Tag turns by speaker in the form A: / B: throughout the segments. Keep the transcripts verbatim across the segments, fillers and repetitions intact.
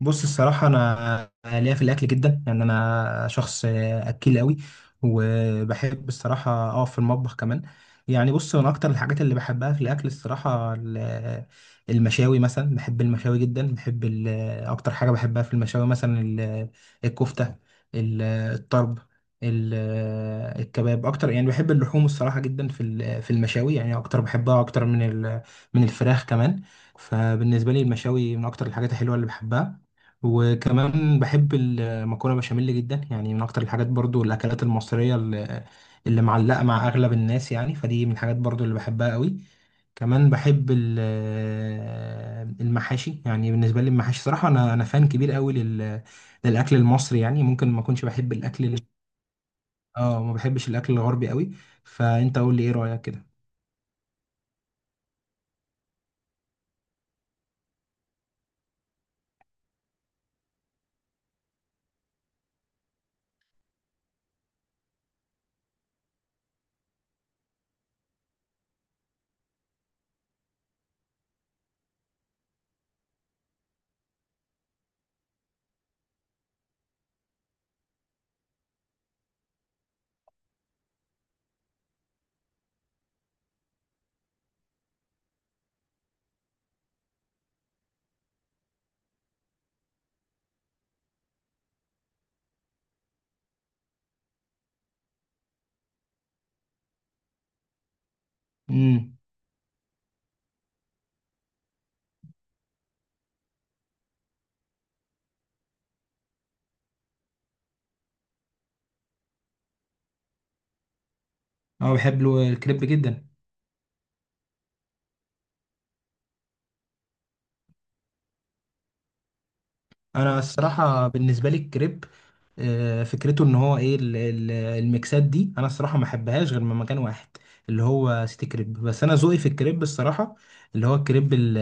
A: بص، الصراحة أنا ليا في الأكل جدا، يعني أنا شخص أكيل أوي، وبحب الصراحة أقف في المطبخ كمان. يعني بص، أنا أكتر الحاجات اللي بحبها في الأكل الصراحة ال- المشاوي، مثلا بحب المشاوي جدا، بحب ال- أكتر حاجة بحبها في المشاوي مثلا ال- الكفتة، ال- الطرب، ال- الكباب أكتر، يعني بحب اللحوم الصراحة جدا في ال- في المشاوي، يعني أكتر بحبها أكتر من ال- من الفراخ كمان. فبالنسبة لي المشاوي من أكتر الحاجات الحلوة اللي بحبها، وكمان بحب المكرونه بشاميل جدا، يعني من اكتر الحاجات برضو الاكلات المصريه اللي اللي معلقه مع اغلب الناس، يعني فدي من الحاجات برضو اللي بحبها قوي. كمان بحب ال- المحاشي، يعني بالنسبه لي المحاشي صراحه، انا انا فان كبير قوي لل للاكل المصري، يعني ممكن ما اكونش بحب الاكل ال- اه ما بحبش الاكل الغربي قوي. فانت قول لي ايه رايك كده؟ امم. اه، بحب له الكريب جدا. انا الصراحه بالنسبه لي الكريب، آه، فكرته ان هو ايه ال- ال- الميكسات دي، انا الصراحه ما احبهاش غير من مكان واحد اللي هو سيتي كريب، بس انا ذوقي في الكريب الصراحه اللي هو الكريب، ال-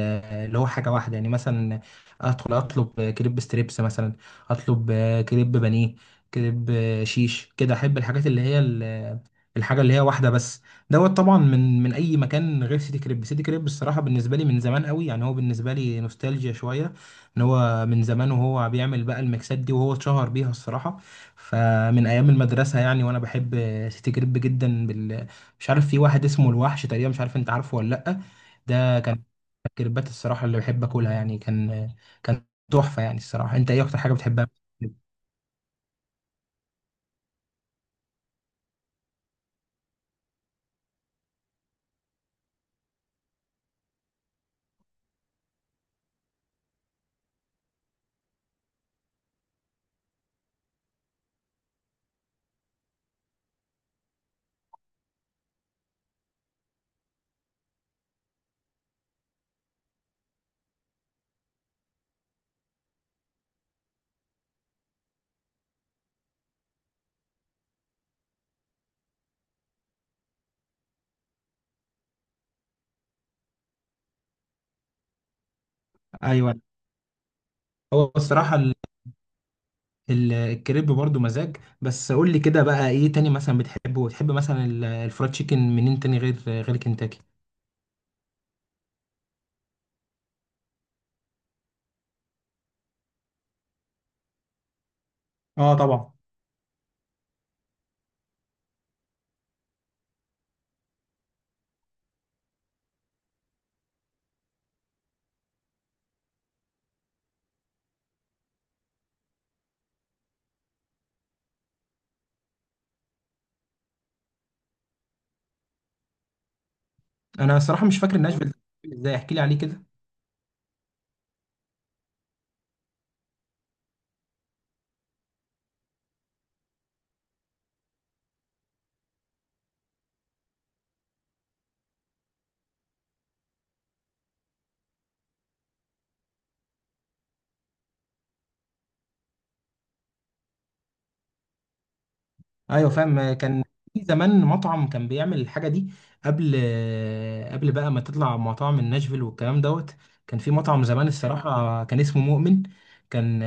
A: اللي هو حاجه واحده، يعني مثلا ادخل اطلب كريب ستريبس مثلا، اطلب آه، كريب بانيه، كريب آه، شيش كده، احب الحاجات اللي هي ال- الحاجه اللي هي واحده بس دوت. طبعا من من اي مكان غير سيتي كريب. سيتي كريب الصراحه بالنسبه لي من زمان قوي، يعني هو بالنسبه لي نوستالجيا شويه، ان هو من زمان وهو بيعمل بقى الميكسات دي وهو اتشهر بيها الصراحة. فمن ايام المدرسة يعني، وانا بحب سيتي جريب جدا بال... مش عارف في واحد اسمه الوحش تقريبا، مش عارف انت عارفه ولا لأ؟ ده كان الكريبات الصراحة اللي بحب اكلها، يعني كان كان تحفة، يعني الصراحة انت ايه اكتر حاجة بتحبها؟ ايوه. هو الصراحة ال- ال- الكريب برضو مزاج، بس قول لي كده بقى، ايه تاني مثلا بتحبه، وتحب مثلا ال- الفرايد تشيكن منين تاني غير غير كنتاكي؟ اه، طبعا. انا الصراحه مش فاكر ناشفيل، ازاي احكي لي عليه كده. ايوه، فاهم. كان في زمان مطعم كان بيعمل الحاجه دي، قبل قبل بقى ما تطلع مطاعم الناشفيل والكلام دوت. كان في مطعم زمان الصراحه كان اسمه مؤمن، كان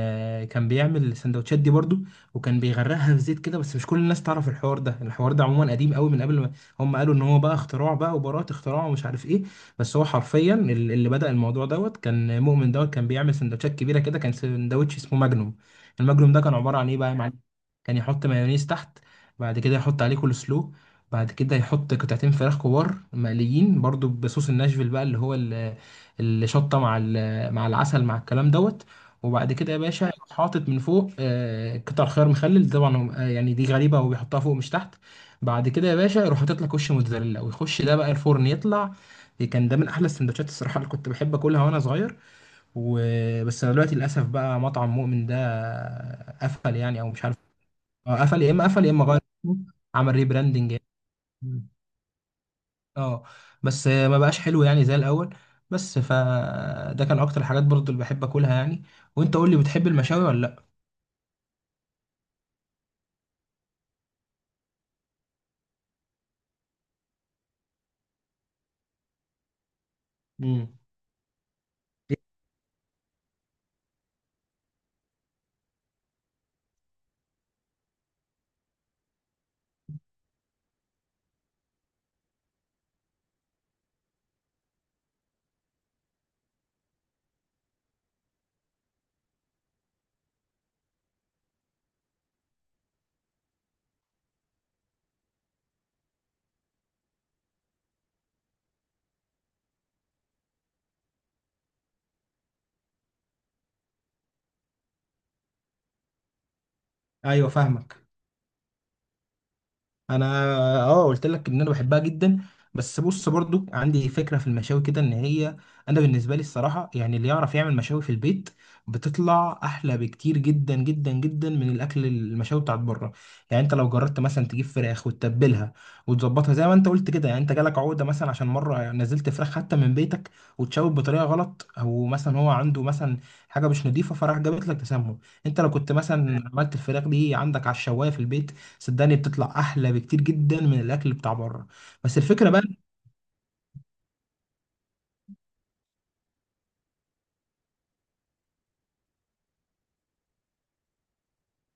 A: كان بيعمل السندوتشات دي برضو، وكان بيغرقها في زيت كده، بس مش كل الناس تعرف الحوار ده، الحوار ده عموما قديم قوي، من قبل ما هم قالوا ان هو بقى اختراع بقى وبراءة اختراع ومش عارف ايه. بس هو حرفيا ال- اللي بدأ الموضوع دوت كان مؤمن دوت، كان بيعمل سندوتشات كبيره كده، كان سندوتش اسمه ماجنوم. الماجنوم ده كان عباره عن ايه بقى يا معلم؟ كان يحط مايونيز تحت، بعد كده يحط عليه كول سلو، بعد كده يحط قطعتين فراخ كبار مقليين برضو بصوص الناشفيل بقى، اللي هو ال- الشطة مع ال- مع العسل مع الكلام دوت. وبعد كده يا باشا يروح حاطط من فوق آه، قطع خيار مخلل، طبعا هم- آه، يعني دي غريبة، هو بيحطها فوق مش تحت. بعد كده يا باشا يروح حاطط لك وش موتزاريلا ويخش ده بقى الفرن يطلع. كان ده من احلى السندوتشات الصراحه اللي كنت بحب اكلها وانا صغير. وبس انا دلوقتي للاسف بقى مطعم مؤمن ده قفل يعني، او مش عارف. آه، قفل، يا اما قفل يا اما غير اسمه، عمل ريبراندنج يعني. مم. اه. بس آه، ما بقاش حلو يعني زي الاول. بس فده كان اكتر الحاجات برضو اللي بحب اكلها يعني. وانت قول لي، بتحب المشاوي ولا لا؟ امم. ايوه، فاهمك. انا، اه قلت لك ان انا بحبها جدا، بس بص برضو عندي فكره في المشاوي كده، ان هي، انا بالنسبه لي الصراحه، يعني اللي يعرف يعمل مشاوي في البيت بتطلع احلى بكتير جدا جدا جدا من الاكل المشاوي بتاعت بره. يعني انت لو جربت مثلا تجيب فراخ وتتبلها وتظبطها زي ما انت قلت كده، يعني انت جالك عقده مثلا عشان مره نزلت فراخ حتى من بيتك وتشوي بطريقه غلط، او مثلا هو عنده مثلا حاجه مش نظيفه فراح جابت لك تسمم. انت لو كنت مثلا عملت الفراخ دي عندك على الشوايه في البيت، صدقني بتطلع احلى بكتير جدا من الاكل بتاع بره. بس الفكره بقى،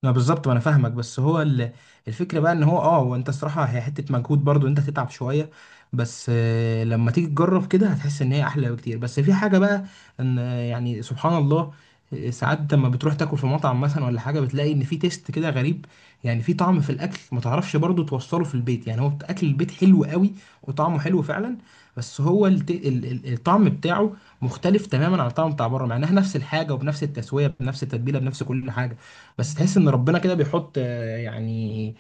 A: لا بالظبط ما انا فاهمك، بس هو ال- الفكره بقى ان هو، اه وانت الصراحه هي حته مجهود برضو، انت تتعب شويه، بس آه، لما تيجي تجرب كده هتحس ان هي احلى بكتير. بس في حاجه بقى، ان آه، يعني سبحان الله، آه، ساعات لما بتروح تاكل في مطعم مثلا ولا حاجه بتلاقي ان في تيست كده غريب، يعني في طعم في الاكل ما تعرفش برضو توصله في البيت، يعني هو اكل البيت حلو قوي وطعمه حلو فعلا، بس هو الت- ال- ال- الطعم بتاعه مختلف تماما عن الطعم بتاع بره، مع انها نفس الحاجه وبنفس التسويه بنفس التتبيله بنفس كل حاجه. بس تحس ان ربنا كده بيحط آه، يعني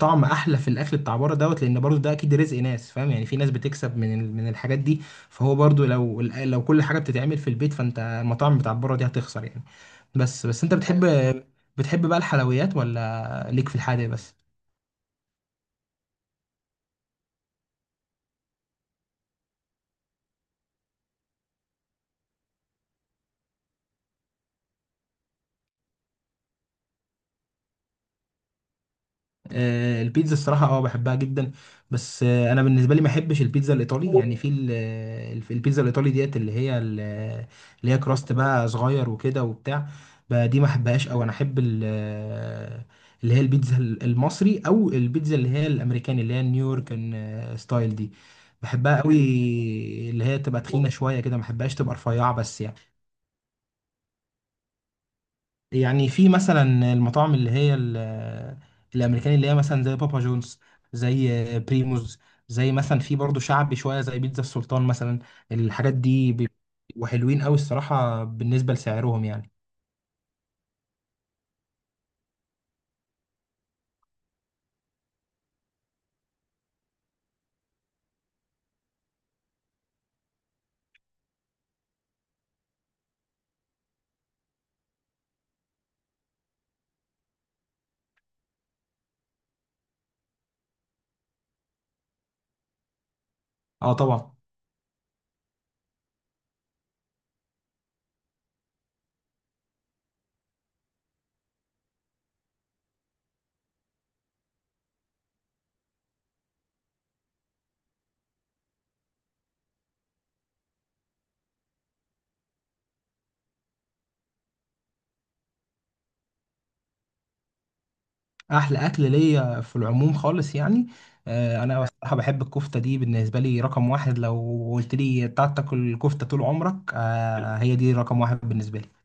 A: طعم احلى في الاكل بتاع بره دوت، لان برضو ده اكيد رزق ناس، فاهم يعني في ناس بتكسب من ال- من الحاجات دي، فهو برضو لو لو كل حاجه بتتعمل في البيت فانت المطاعم بتاع بره دي هتخسر يعني. بس بس انت بتحب، أيوة. بتحب بقى الحلويات ولا ليك في الحادق بس؟ آه، البيتزا الصراحة، اه بحبها جدا، بس آه، انا بالنسبة لي ما احبش البيتزا الايطالي، يعني في ال- الف- البيتزا الايطالي ديت، اللي هي ال- اللي هي كراست بقى صغير وكده وبتاع، ب- دي ما احبهاش، او انا احب ال- آه، اللي هي البيتزا ال- المصري، او البيتزا اللي هي الامريكاني، اللي هي النيويورك ستايل دي بحبها قوي، اللي هي تبقى تخينة شوية كده، ما احبهاش تبقى رفيعة بس، يعني يعني في مثلا المطاعم اللي هي ال- الامريكاني، اللي هي مثلا زي بابا جونز، زي بريموز، زي مثلا في برضه شعبي شويه زي بيتزا السلطان مثلا، الحاجات دي بي- وحلوين قوي الصراحه بالنسبه لسعرهم يعني. اه، طبعا. احلى اكل ليا في العموم خالص يعني، آه انا بصراحه بحب الكفته دي، بالنسبه لي رقم واحد، لو قلت لي تعال تاكل الكفته طول عمرك، آه هي دي رقم واحد بالنسبه لي.